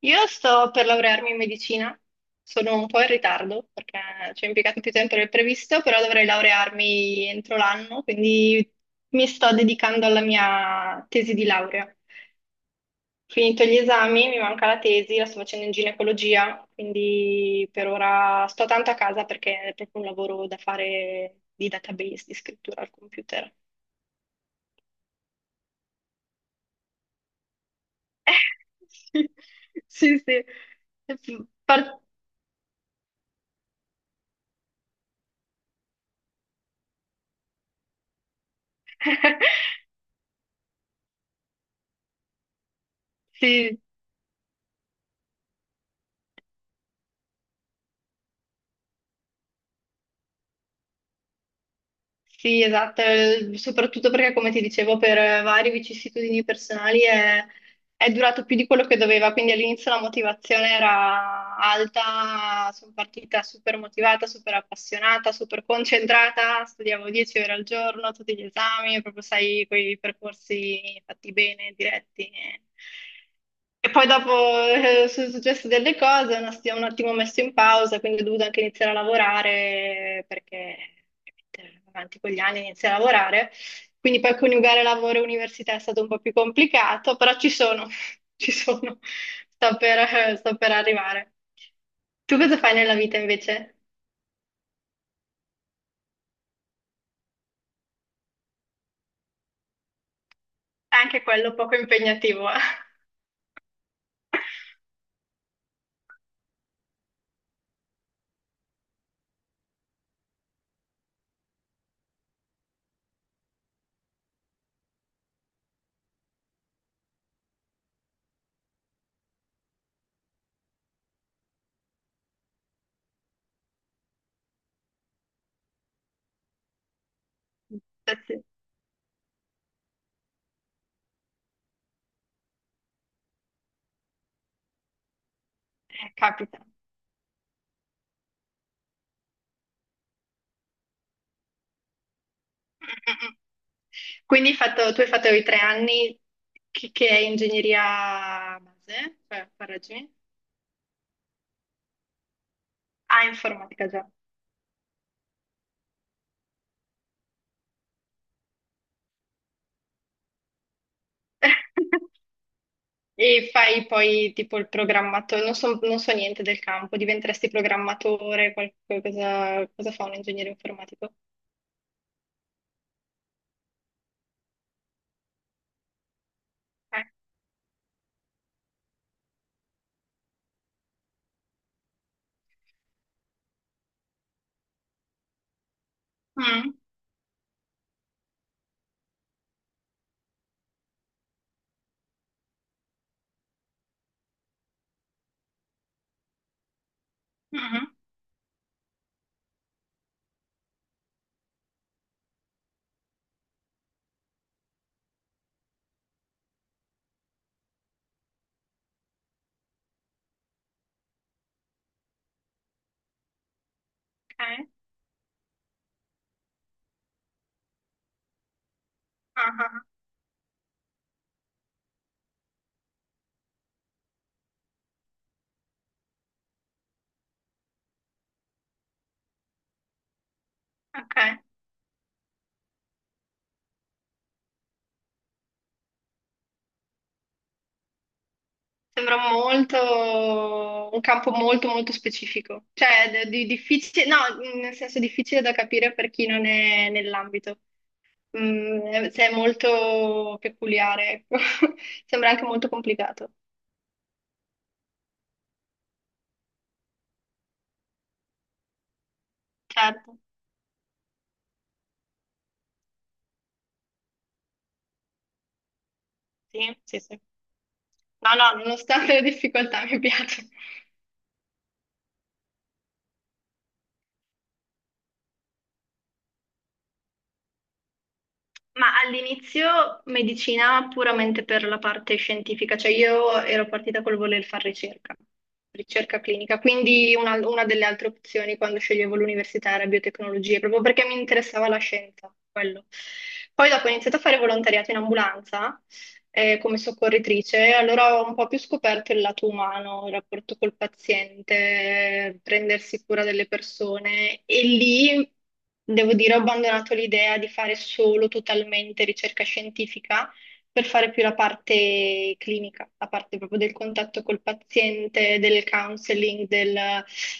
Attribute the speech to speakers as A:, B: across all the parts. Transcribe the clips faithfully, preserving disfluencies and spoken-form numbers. A: Io sto per laurearmi in medicina, sono un po' in ritardo perché ci ho impiegato più tempo del previsto, però dovrei laurearmi entro l'anno, quindi mi sto dedicando alla mia tesi di laurea. Finito gli esami, mi manca la tesi, la sto facendo in ginecologia, quindi per ora sto tanto a casa perché è proprio un lavoro da fare di database, di scrittura al computer. Eh, sì, sì. Sì. Par- Sì, sì, esatto, eh, soprattutto perché come ti dicevo per varie vicissitudini personali è è durato più di quello che doveva, quindi all'inizio la motivazione era alta, sono partita super motivata, super appassionata, super concentrata, studiavo dieci ore al giorno, tutti gli esami, proprio sai, quei percorsi fatti bene, diretti. E e poi dopo eh, sono successe delle cose, una- si è un attimo messo in pausa, quindi ho dovuto anche iniziare a lavorare perché ovviamente, avanti con gli anni inizia a lavorare. Quindi poi coniugare lavoro e università è stato un po' più complicato, però ci sono, ci sono, sto per, sto per arrivare. Tu cosa fai nella vita invece? Anche quello poco impegnativo, eh? Eh sì, eh, capita. Mm, mm, mm. Quindi hai fatto- tu hai fatto i tre anni che, che è ingegneria base, cioè, correggimi. Ah, informatica già. E fai poi tipo il programmatore, non so, non so niente del campo, diventeresti programmatore, qualcosa, cosa, cosa fa un ingegnere informatico? Ok. Mm, mhm, ok, ah, ah, ah, ok. Sembra molto, un campo molto molto specifico, cioè de- di, difficile, no, nel senso difficile da capire per chi non è nell'ambito. Mm, cioè è molto peculiare, ecco. Sembra anche molto complicato. Certo, sì, sì, sì. No, no, nonostante le difficoltà mi piace. Ma all'inizio medicina puramente per la parte scientifica, cioè io ero partita col voler fare ricerca, ricerca clinica, quindi una, una delle altre opzioni quando sceglievo l'università era biotecnologie, proprio perché mi interessava la scienza, quello. Poi dopo ho iniziato a fare volontariato in ambulanza, eh, come soccorritrice, allora ho un po' più scoperto il lato umano, il rapporto col paziente, prendersi cura delle persone e lì devo dire ho abbandonato l'idea di fare solo totalmente ricerca scientifica per fare più la parte clinica, la parte proprio del contatto col paziente, del counseling, del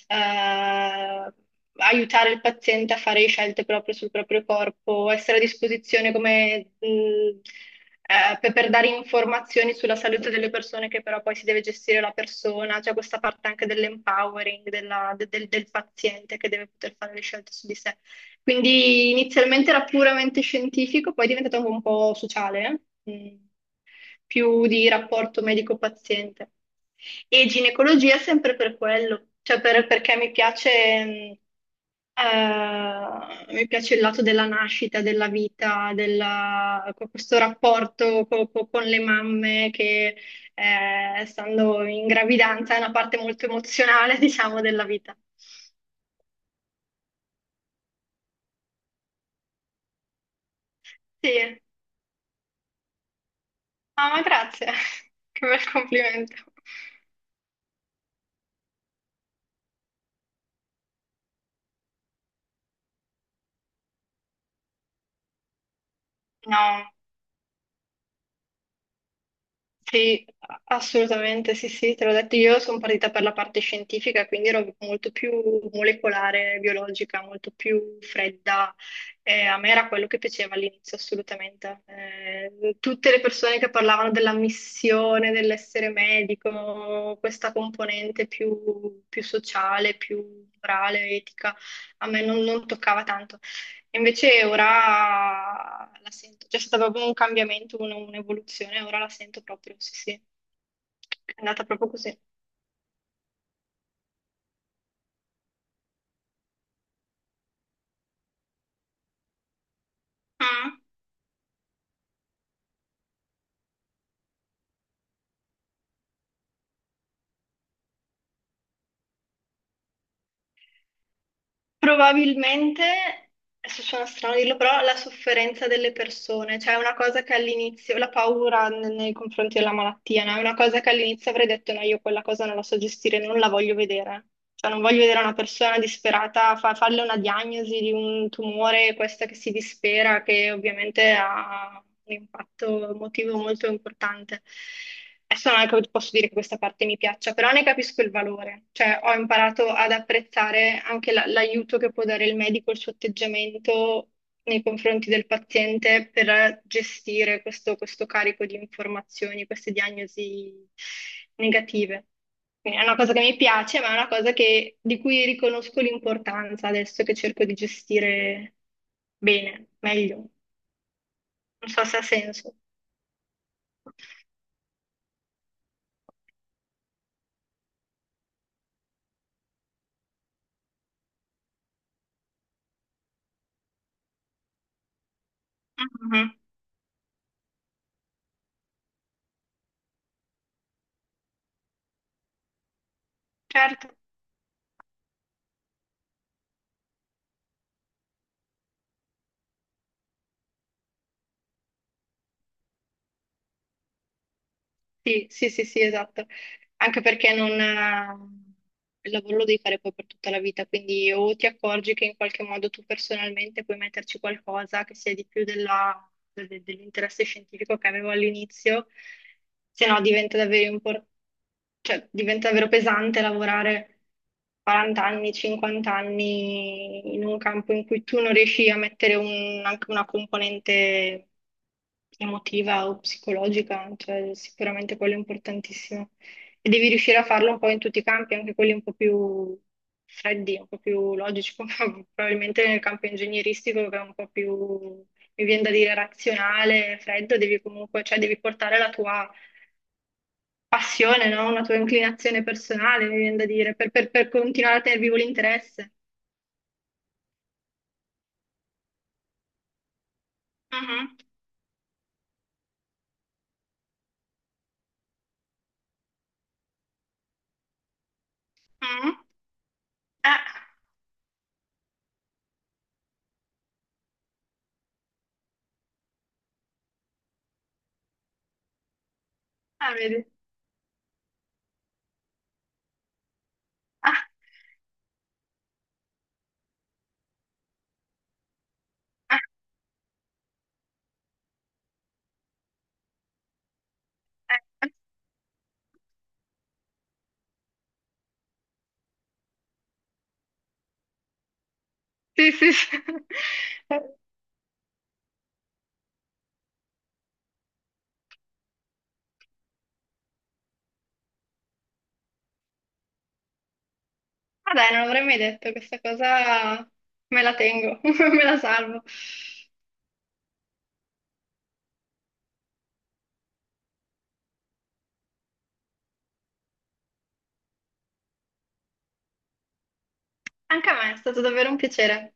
A: eh, aiutare il paziente a fare scelte proprio sul proprio corpo, essere a disposizione come, mh, eh, per, per dare informazioni sulla salute delle persone che però poi si deve gestire la persona, c'è questa parte anche dell'empowering della- de- del, del paziente che deve poter fare le scelte su di sé. Quindi inizialmente era puramente scientifico, poi è diventato anche un po' sociale, eh? mm, più di rapporto medico-paziente. E ginecologia sempre per quello, cioè per- perché mi piace, mm, eh, mi piace il lato della nascita, della vita, della- co- questo rapporto co- co- con le mamme che, eh, stando in gravidanza, è una parte molto emozionale, diciamo, della vita. Sì. Ah, ma grazie, che bel complimento. No, sì, assolutamente, sì, sì, te l'ho detto, io sono partita per la parte scientifica, quindi ero molto più molecolare, biologica, molto più fredda. Eh, a me era quello che piaceva all'inizio, assolutamente. Eh, tutte le persone che parlavano della missione, dell'essere medico, questa componente più, più sociale, più morale, etica, a me non non toccava tanto. Invece ora la sento, c'è stato proprio un cambiamento, un- un'evoluzione, ora la sento proprio, sì, sì. È andata proprio così. Mm. Probabilmente, adesso suona strano dirlo, però la sofferenza delle persone, cioè è una cosa che all'inizio, la paura n- nei confronti della malattia, no? È una cosa che all'inizio avrei detto no, io quella cosa non la so gestire, non la voglio vedere. Cioè non voglio vedere una persona disperata, fa- farle una diagnosi di un tumore, questa che si dispera, che ovviamente ha un impatto emotivo molto importante. Adesso non è che posso dire che questa parte mi piaccia, però ne capisco il valore, cioè ho imparato ad apprezzare anche la- l'aiuto che può dare il medico, il suo atteggiamento nei confronti del paziente per gestire questo, questo carico di informazioni, queste diagnosi negative. Quindi è una cosa che mi piace, ma è una cosa che- di cui riconosco l'importanza adesso che cerco di gestire bene, meglio. Non so se ha senso. Mhm. Certo. Sì, sì, sì, sì, esatto, anche perché non... eh, Il lavoro lo devi fare poi per tutta la vita, quindi o ti accorgi che in qualche modo tu personalmente puoi metterci qualcosa che sia di più della- de- dell'interesse scientifico che avevo all'inizio, se no diventa davvero impor- cioè, diventa davvero pesante lavorare quaranta anni, cinquanta anni in un campo in cui tu non riesci a mettere un- anche una componente emotiva o psicologica, cioè sicuramente quello è importantissimo. E devi riuscire a farlo un po' in tutti i campi, anche quelli un po' più freddi, un po' più logici, come probabilmente nel campo ingegneristico, che è un po' più, mi viene da dire, razionale, freddo, devi comunque, cioè devi portare la tua passione, no? Una tua inclinazione personale, mi viene da dire, per, per- per continuare a tenere vivo l'interesse. Mhm, mhm. Ah, ah, vedi. Ah, ah, eh, eh. Sì, sì, sì. Ah dai, non l'avrei mai detto, questa cosa me la tengo, me la salvo. Anche a me è stato davvero un piacere.